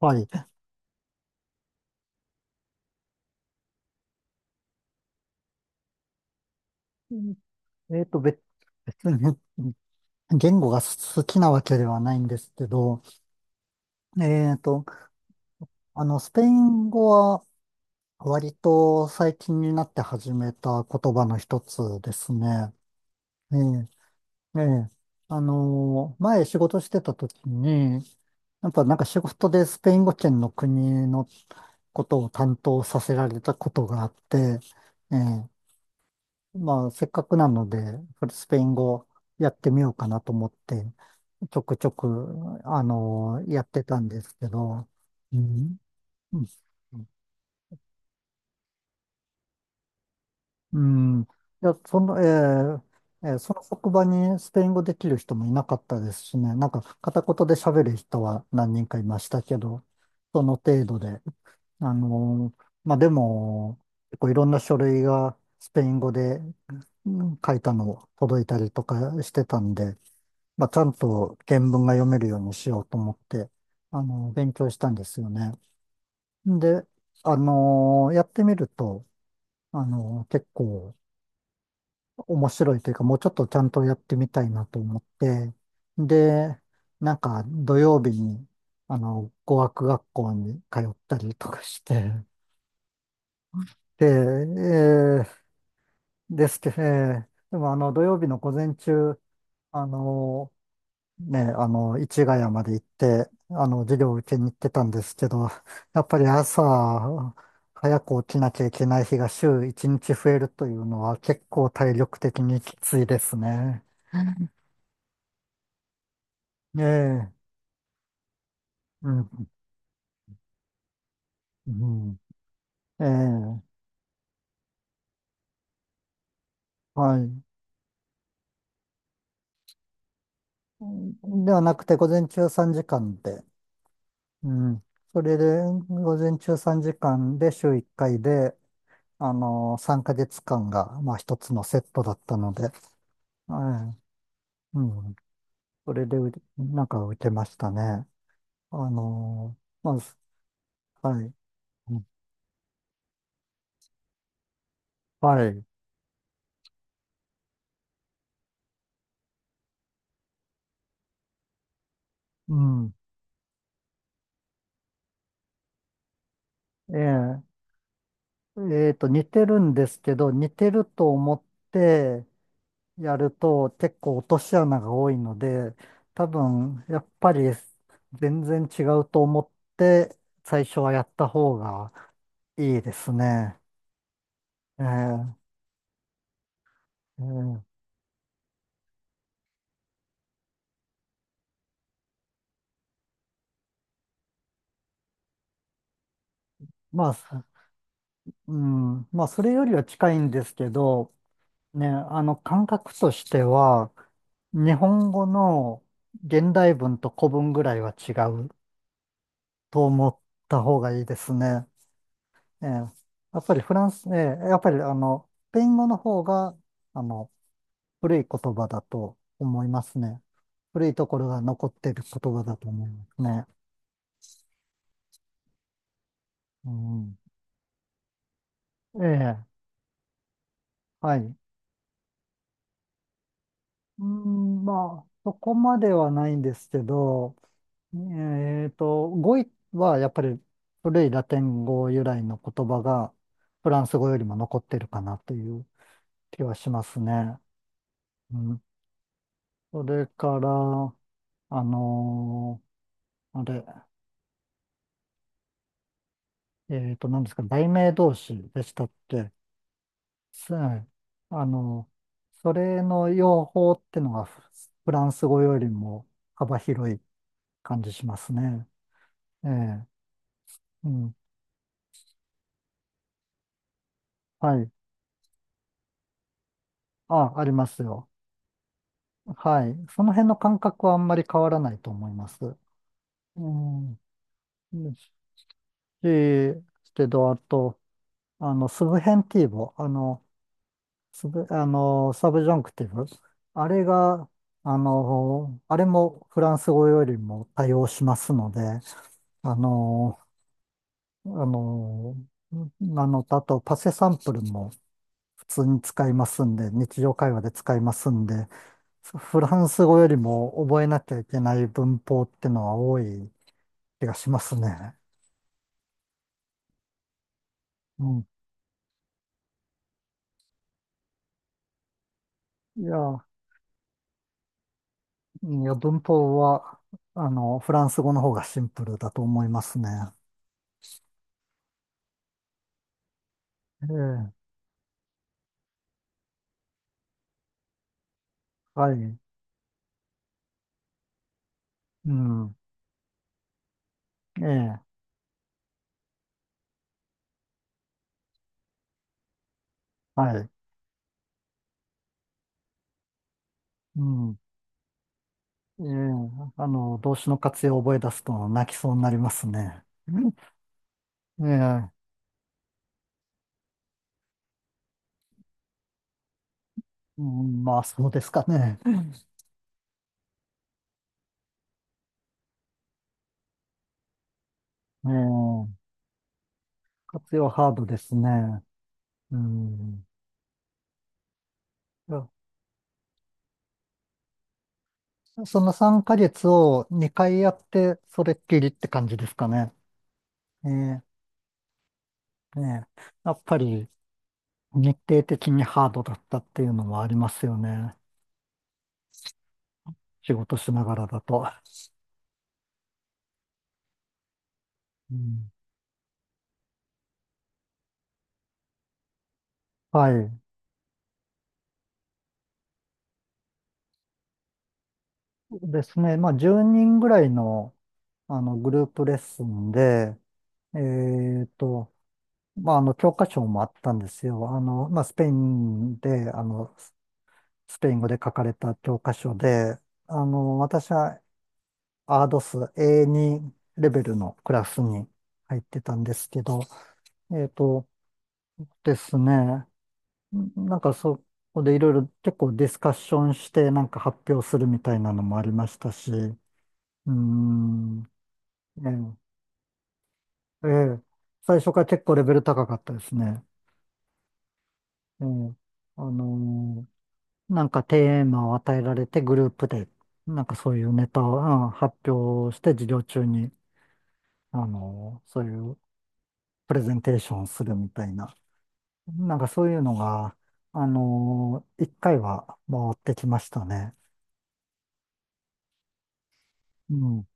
はい。うん。えっと、別別に言語が好きなわけではないんですけど、えっと、スペイン語は割と最近になって始めた言葉の一つですね。ええ、ええ。前仕事してた時に、やっぱなんか仕事でスペイン語圏の国のことを担当させられたことがあって、ええ。まあ、せっかくなので、スペイン語やってみようかなと思って、ちょくちょく、やってたんですけど、うん、うん、いや、その、その職場にスペイン語できる人もいなかったですしね、なんか片言で喋る人は何人かいましたけど、その程度で、まあ、でも、結構いろんな書類がスペイン語で、うん、書いたの届いたりとかしてたんで、まあ、ちゃんと原文が読めるようにしようと思って、勉強したんですよね。で、やってみると、結構面白いというか、もうちょっとちゃんとやってみたいなと思って、で、なんか土曜日に、語学学校に通ったりとかして、で、ですけど、でも土曜日の午前中、あの、ね、市ヶ谷まで行って、授業を受けに行ってたんですけど、やっぱり朝、早く起きなきゃいけない日が週1日増えるというのは結構体力的にきついですね。ええ、うん、うん、ええ、はい。ではなくて、午前中3時間で、うん。それで、午前中3時間で週1回で、3ヶ月間が、まあ、一つのセットだったので、はい。うん。それでう、なんか受けましたね。あのまあ、はい。うん、はい。うん。ええ似てるんですけど、似てると思ってやると結構落とし穴が多いので、多分、やっぱり全然違うと思って最初はやった方がいいですね。ええええ。まあ、うん。まあ、それよりは近いんですけど、ね、あの感覚としては、日本語の現代文と古文ぐらいは違うと思った方がいいですね。ええ、やっぱりフランス、ええ、やっぱりスペイン語の方が、あの、古い言葉だと思いますね。古いところが残っている言葉だと思いますね。うん。ええ、はい。うん、まあ、そこまではないんですけど、語彙はやっぱり古いラテン語由来の言葉がフランス語よりも残ってるかなという気はしますね。うん。それから、あのあれ、何ですか、題名同士でしたって、すあのそれの用法ってのがフランス語よりも幅広い感じしますね。ええ、うん。はい。あ、ありますよ。はい。その辺の感覚はあんまり変わらないと思います。うん。ですし、けど、あと、スブヘンティーボ、あの、スブ、あの、サブジャンクティブ、あれが、あれもフランス語よりも対応しますので、あの、あの、なのと、あと、パセサンプルも普通に使いますんで、日常会話で使いますんで、フランス語よりも覚えなきゃいけない文法ってのは多い気がしますね。うん。いや、文法は、フランス語の方がシンプルだと思いますね。ええ、はい。うん。ええ、はい。うん。ええ、動詞の活用を覚え出すと泣きそうになりますね。ええ、うん、まあ、そうですかね。ええ、活用ハードですね。うん。いや、その3ヶ月を2回やって、それっきりって感じですかね。ええ、ねえ、やっぱり、日程的にハードだったっていうのもありますよね。仕事しながらだと。うん、はい。ですね。まあ、10人ぐらいの、あのグループレッスンで、えっと、まあ、教科書もあったんですよ。まあ、スペインで、スペイン語で書かれた教科書で、私はアードス A2 レベルのクラスに入ってたんですけど、えっとですね。うん、なんかそこでいろいろ結構ディスカッションして、なんか発表するみたいなのもありましたし、うーん。ええ、ええ、最初から結構レベル高かったですね。ええ、あのなんかテーマを与えられてグループで、なんかそういうネタを、うん、発表して授業中に、そういうプレゼンテーションをするみたいな、なんかそういうのが、一回は回ってきましたね。うん。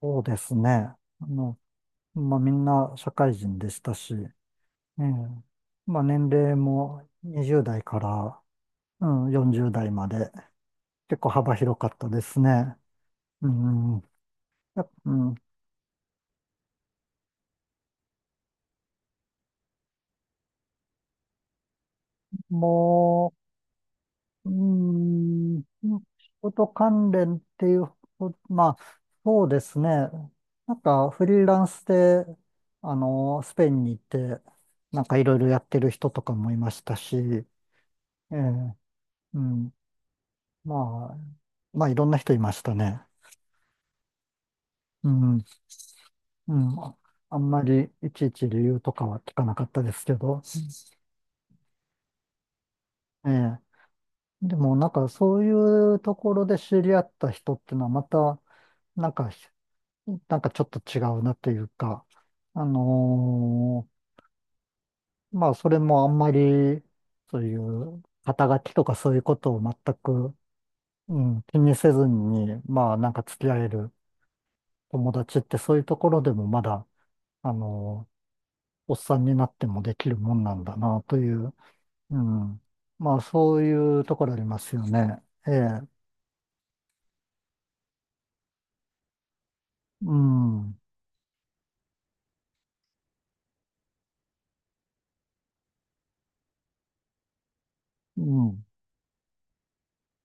そうですね。の、まあ、みんな社会人でしたし、ええ、まあ、年齢も20代から、うん、40代まで結構幅広かったですね。うん、やっうん、もう、うん、仕事関連っていうまあ、そうですね。なんかフリーランスで、スペインに行って、なんかいろいろやってる人とかもいましたし、ええ、うん。まあ、まあ、いろんな人いましたね。うん、うん。あんまりいちいち理由とかは聞かなかったですけど、ええ。でも、なんか、そういうところで知り合った人っていうのは、また、なんか、なんか、ちょっと違うなっていうか、あのまあ、それもあんまり、そういう、肩書きとかそういうことを全く、うん、気にせずに、まあ、なんか付き合える友達って、そういうところでもまだ、あのーおっさんになってもできるもんなんだなという、うん。まあ、そういうところありますよね。ええ、うん、うん、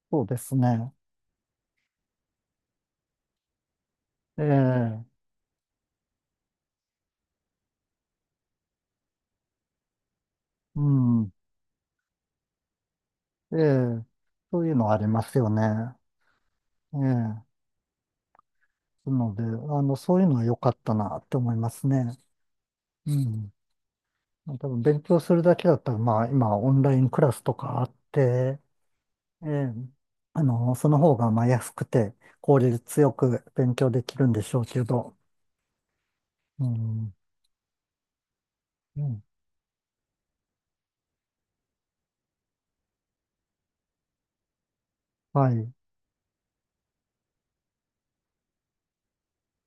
そうですね。ええ、うん、ええ、そういうのありますよね。ええ、なので、そういうのは良かったなって思いますね。うん。多分勉強するだけだったら、まあ、今、オンラインクラスとかあって、ええ、その方が、まあ、安くて、効率よく勉強できるんでしょうけど、うん、うん、はい、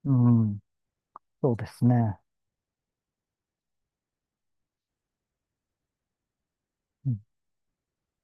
うん、そうですね。うん